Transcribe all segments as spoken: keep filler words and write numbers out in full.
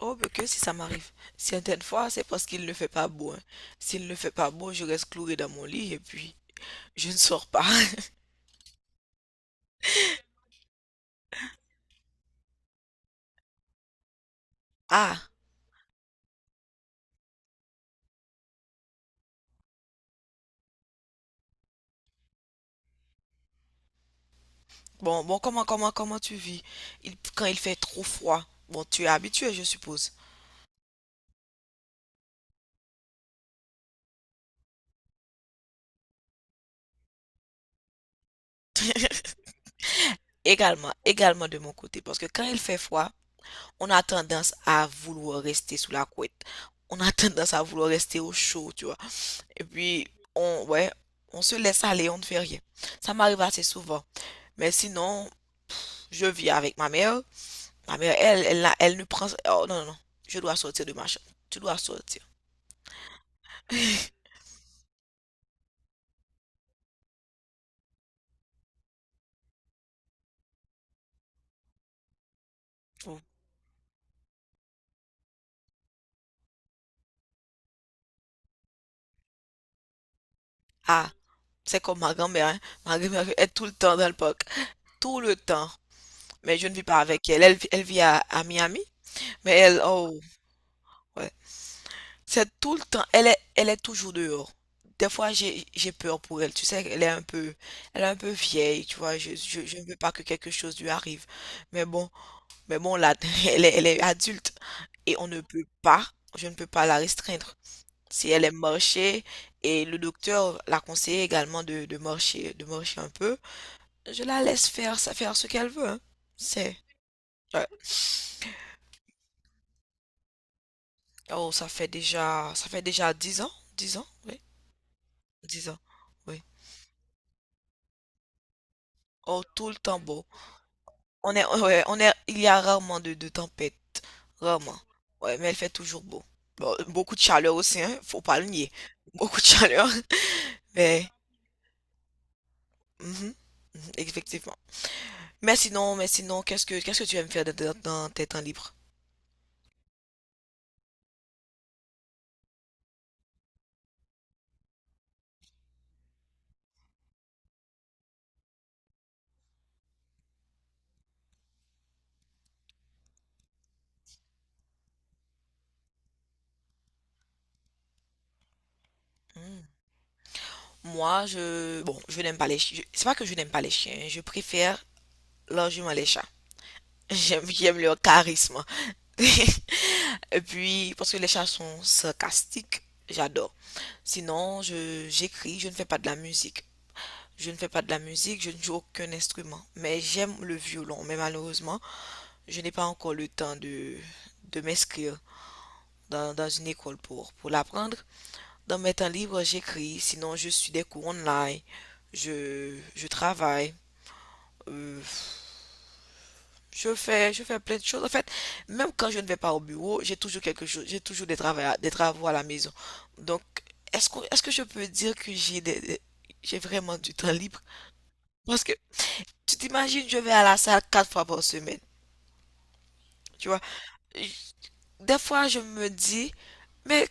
Oh, mais que si ça m'arrive. Certaines fois, c'est parce qu'il ne fait pas beau, hein. S'il ne fait pas beau, je reste cloué dans mon lit et puis je ne sors pas. Ah, bon, bon, comment, comment, comment tu vis? Il- quand il fait trop froid, bon, tu es habitué, je suppose. Également, également de mon côté, parce que quand il fait froid, on a tendance à vouloir rester sous la couette. On a tendance à vouloir rester au chaud, tu vois. Et puis, on, ouais, on se laisse aller, on ne fait rien. Ça m'arrive assez souvent. Mais sinon, je vis avec ma mère. Ma mère, elle, elle, n'a- elle ne prend. Oh non, non, non. Je dois sortir de ma chambre. Tu dois sortir. Oh. Ah, c'est comme ma grand-mère, hein. Ma grand-mère est tout le temps dans le parc. Tout le temps. Mais je ne vis pas avec elle. Elle, elle vit à, à Miami. Mais elle, oh, ouais. C'est tout le temps. Elle est, elle est toujours dehors. Des fois, j'ai, j'ai peur pour elle. Tu sais, elle est un peu, elle est un peu vieille. Tu vois, je, je, je ne veux pas que quelque chose lui arrive. Mais bon, Mais bon, là, elle est, elle est adulte et on ne peut pas, je ne peux pas la restreindre. Si elle aime marcher et le docteur l'a conseillé également de, de marcher, de marcher un peu, je la laisse faire, ça faire ce qu'elle veut, hein. C'est, ouais. Oh, ça fait déjà, ça fait déjà dix ans, dix ans, oui, dix ans, oui. Oh, tout le temps beau. On est, ouais, on est, il y a rarement de, de tempêtes, rarement. Ouais, mais elle fait toujours beau. Bon, beaucoup de chaleur aussi, hein, faut pas le nier. Beaucoup de chaleur. Mais mmh mh, effectivement. Mais sinon mais sinon, qu'est-ce que qu'est-ce que tu aimes faire dans tes dans tes temps libres? Hmm. Moi, je, bon, je n'aime pas les chiens. C'est pas que je n'aime pas les chiens, je préfère largement les chats. J'aime j'aime leur charisme. Et puis parce que les chats sont sarcastiques, j'adore. Sinon, je j'écris, je ne fais pas de la musique. Je ne fais pas de la musique, je ne joue aucun instrument, mais j'aime le violon. Mais malheureusement, je n'ai pas encore le temps de de m'inscrire dans, dans une école pour, pour l'apprendre. Dans mes temps libres, j'écris, sinon je suis des cours online, je, je travaille, euh, je fais, je fais plein de choses. En fait, même quand je ne vais pas au bureau, j'ai toujours quelque chose, j'ai toujours des travaux, des travaux, à la maison. Donc, est-ce que, est-ce que je peux dire que j'ai des, des- j'ai vraiment du temps libre? Parce que tu t'imagines, je vais à la salle quatre fois par semaine, tu vois. Des fois, je me dis, mais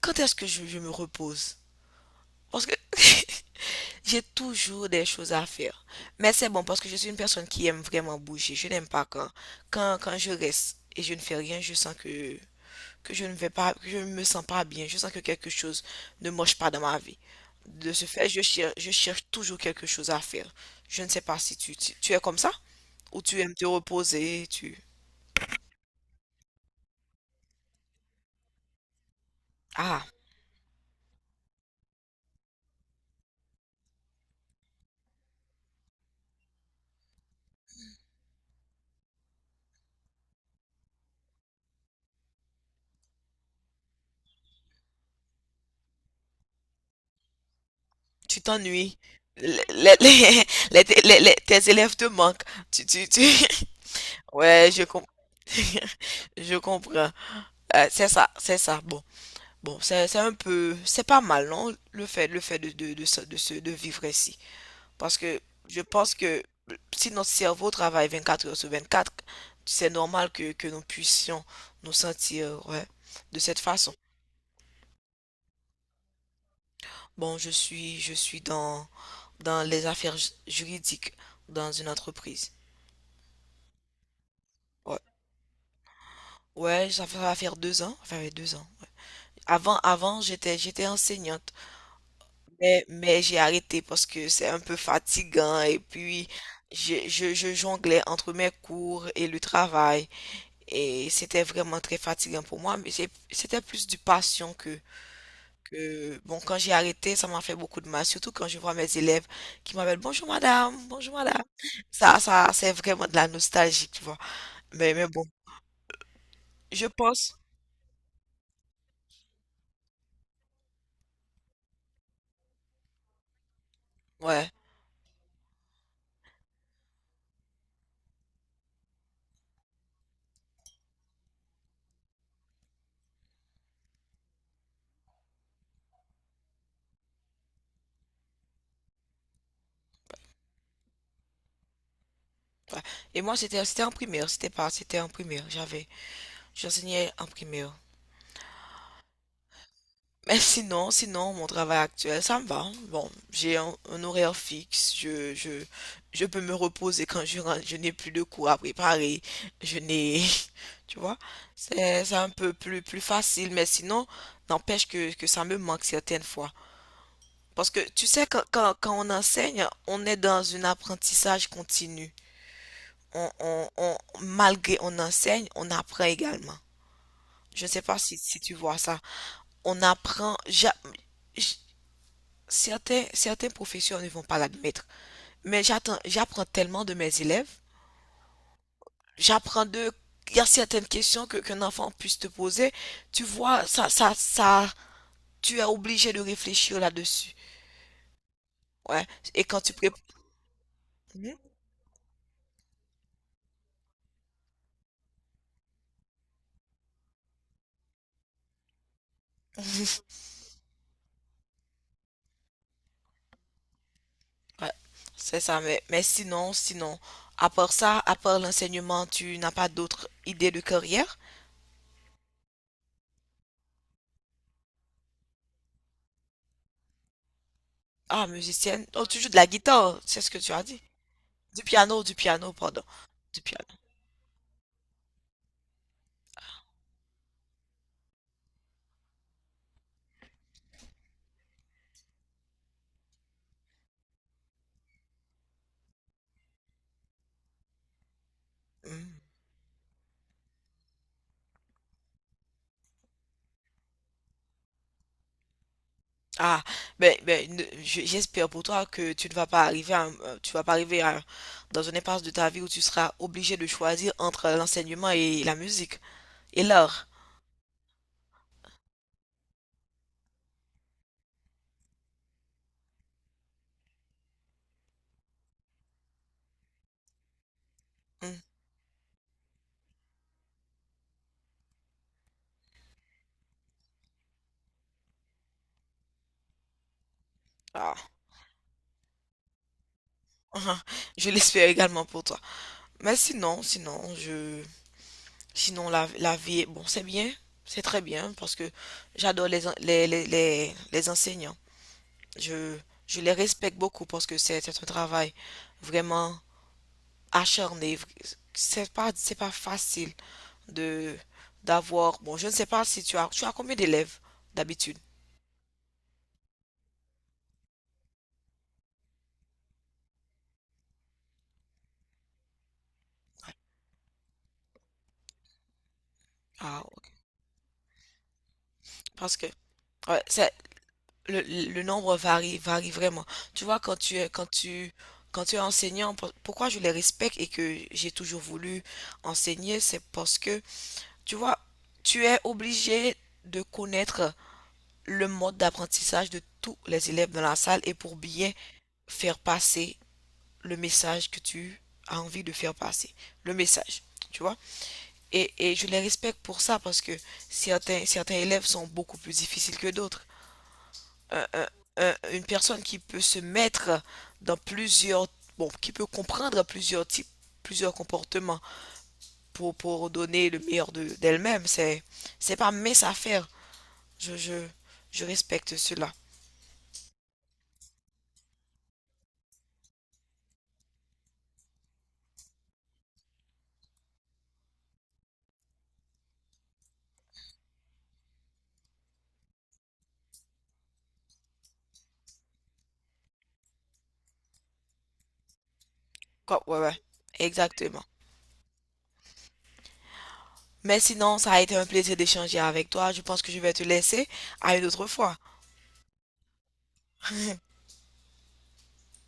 quand est-ce que je, je me repose? Parce que j'ai toujours des choses à faire. Mais c'est bon parce que je suis une personne qui aime vraiment bouger. Je n'aime pas quand, quand, quand je reste et je ne fais rien, je sens que, que je ne vais pas, que je ne me sens pas bien. Je sens que quelque chose ne marche pas dans ma vie. De ce fait, je cherche, je cherche toujours quelque chose à faire. Je ne sais pas si tu, tu, tu es comme ça ou tu aimes te reposer, tu... Ah, tu t'ennuies. Les, les, les- les- les- les- tes élèves te manquent. Tu, tu, tu... Ouais, je comprends. Je comprends. Euh, c'est ça, c'est ça. Bon, bon, c'est c'est un peu, c'est pas mal, non, le fait, le fait de de de se- de, se- de vivre ici, parce que je pense que si notre cerveau travaille vingt-quatre heures sur vingt-quatre, c'est normal que que nous puissions nous sentir, ouais, de cette façon. Bon, je suis, je suis dans dans les affaires ju- juridiques dans une entreprise. Ouais, ouais, ça fait- ça va faire deux ans, ça fait deux ans. Ouais. Avant, avant, j'étais j'étais enseignante. Mais, mais j'ai arrêté parce que c'est un peu fatigant et puis je, je, je jonglais entre mes cours et le travail et c'était vraiment très fatigant pour moi, mais c'est- c'était plus du passion que, que, bon, quand j'ai arrêté, ça m'a fait beaucoup de mal, surtout quand je vois mes élèves qui m'appellent, bonjour madame, bonjour madame. Ça, ça, c'est vraiment de la nostalgie, tu vois. Mais, mais bon, je pense, ouais. Ouais. Et moi, c'était, c'était en primaire, c'était pas, c'était en primaire, j'avais, j'enseignais en primaire. Mais sinon, sinon, mon travail actuel, ça me va. Bon, j'ai un, un horaire fixe. Je, je, je peux me reposer quand je rentre. Je n'ai plus de cours à préparer. Je n'ai, tu vois, c'est c'est un peu plus, plus, facile. Mais sinon, n'empêche que, que ça me manque certaines fois. Parce que tu sais, quand, quand, quand on enseigne, on est dans un apprentissage continu. On, on, on, malgré on enseigne, on apprend également. Je ne sais pas si, si tu vois ça. On apprend. ja- Certains, certains professeurs ne vont pas l'admettre, mais j'attends, j'apprends tellement de mes élèves, j'apprends de, il y a certaines questions que qu'un enfant puisse te poser, tu vois, ça, ça, ça, tu es obligé de réfléchir là-dessus. Ouais, et quand tu prépares, ouais, c'est ça, mais, mais sinon, sinon, à part ça, à part l'enseignement, tu n'as pas d'autres idées de carrière? Ah, musicienne, oh, tu joues de la guitare, c'est ce que tu as dit. Du piano, du piano, pardon, du piano. Mhm. Ah, ben, ben, ne- je- j'espère pour toi que tu ne vas pas arriver à, euh, tu vas pas arriver à- dans une impasse de ta vie où tu seras obligé de choisir entre l'enseignement et la musique et l'art. Hmm. Ah, je l'espère également pour toi. Mais sinon, sinon, je, sinon la, la vie, est- bon, c'est bien, c'est très bien parce que j'adore les, en- les, les, les, les enseignants. Je, je les respecte beaucoup parce que c'est c'est un travail vraiment acharné. C'est pas, c'est pas facile de d'avoir. Bon, je ne sais pas si tu as, tu as combien d'élèves d'habitude? Ah, ok, parce que ouais, c'est le, le nombre varie, varie vraiment. Tu vois, quand tu es, quand tu, quand tu es enseignant, pour- pourquoi je les respecte et que j'ai toujours voulu enseigner, c'est parce que, tu vois, tu es obligé de connaître le mode d'apprentissage de tous les élèves dans la salle et pour bien faire passer le message que tu as envie de faire passer. Le message, tu vois. Et, et je les respecte pour ça parce que certains, certains élèves sont beaucoup plus difficiles que d'autres. Un- un- un- une personne qui peut se mettre dans plusieurs, bon, qui peut comprendre plusieurs types, plusieurs comportements pour, pour donner le meilleur de, d'elle-même, c'est, c'est pas mes affaires. Je, je, je respecte cela. Quoi, ouais, ouais, exactement. Mais sinon, ça a été un plaisir d'échanger avec toi. Je pense que je vais te laisser à une autre fois.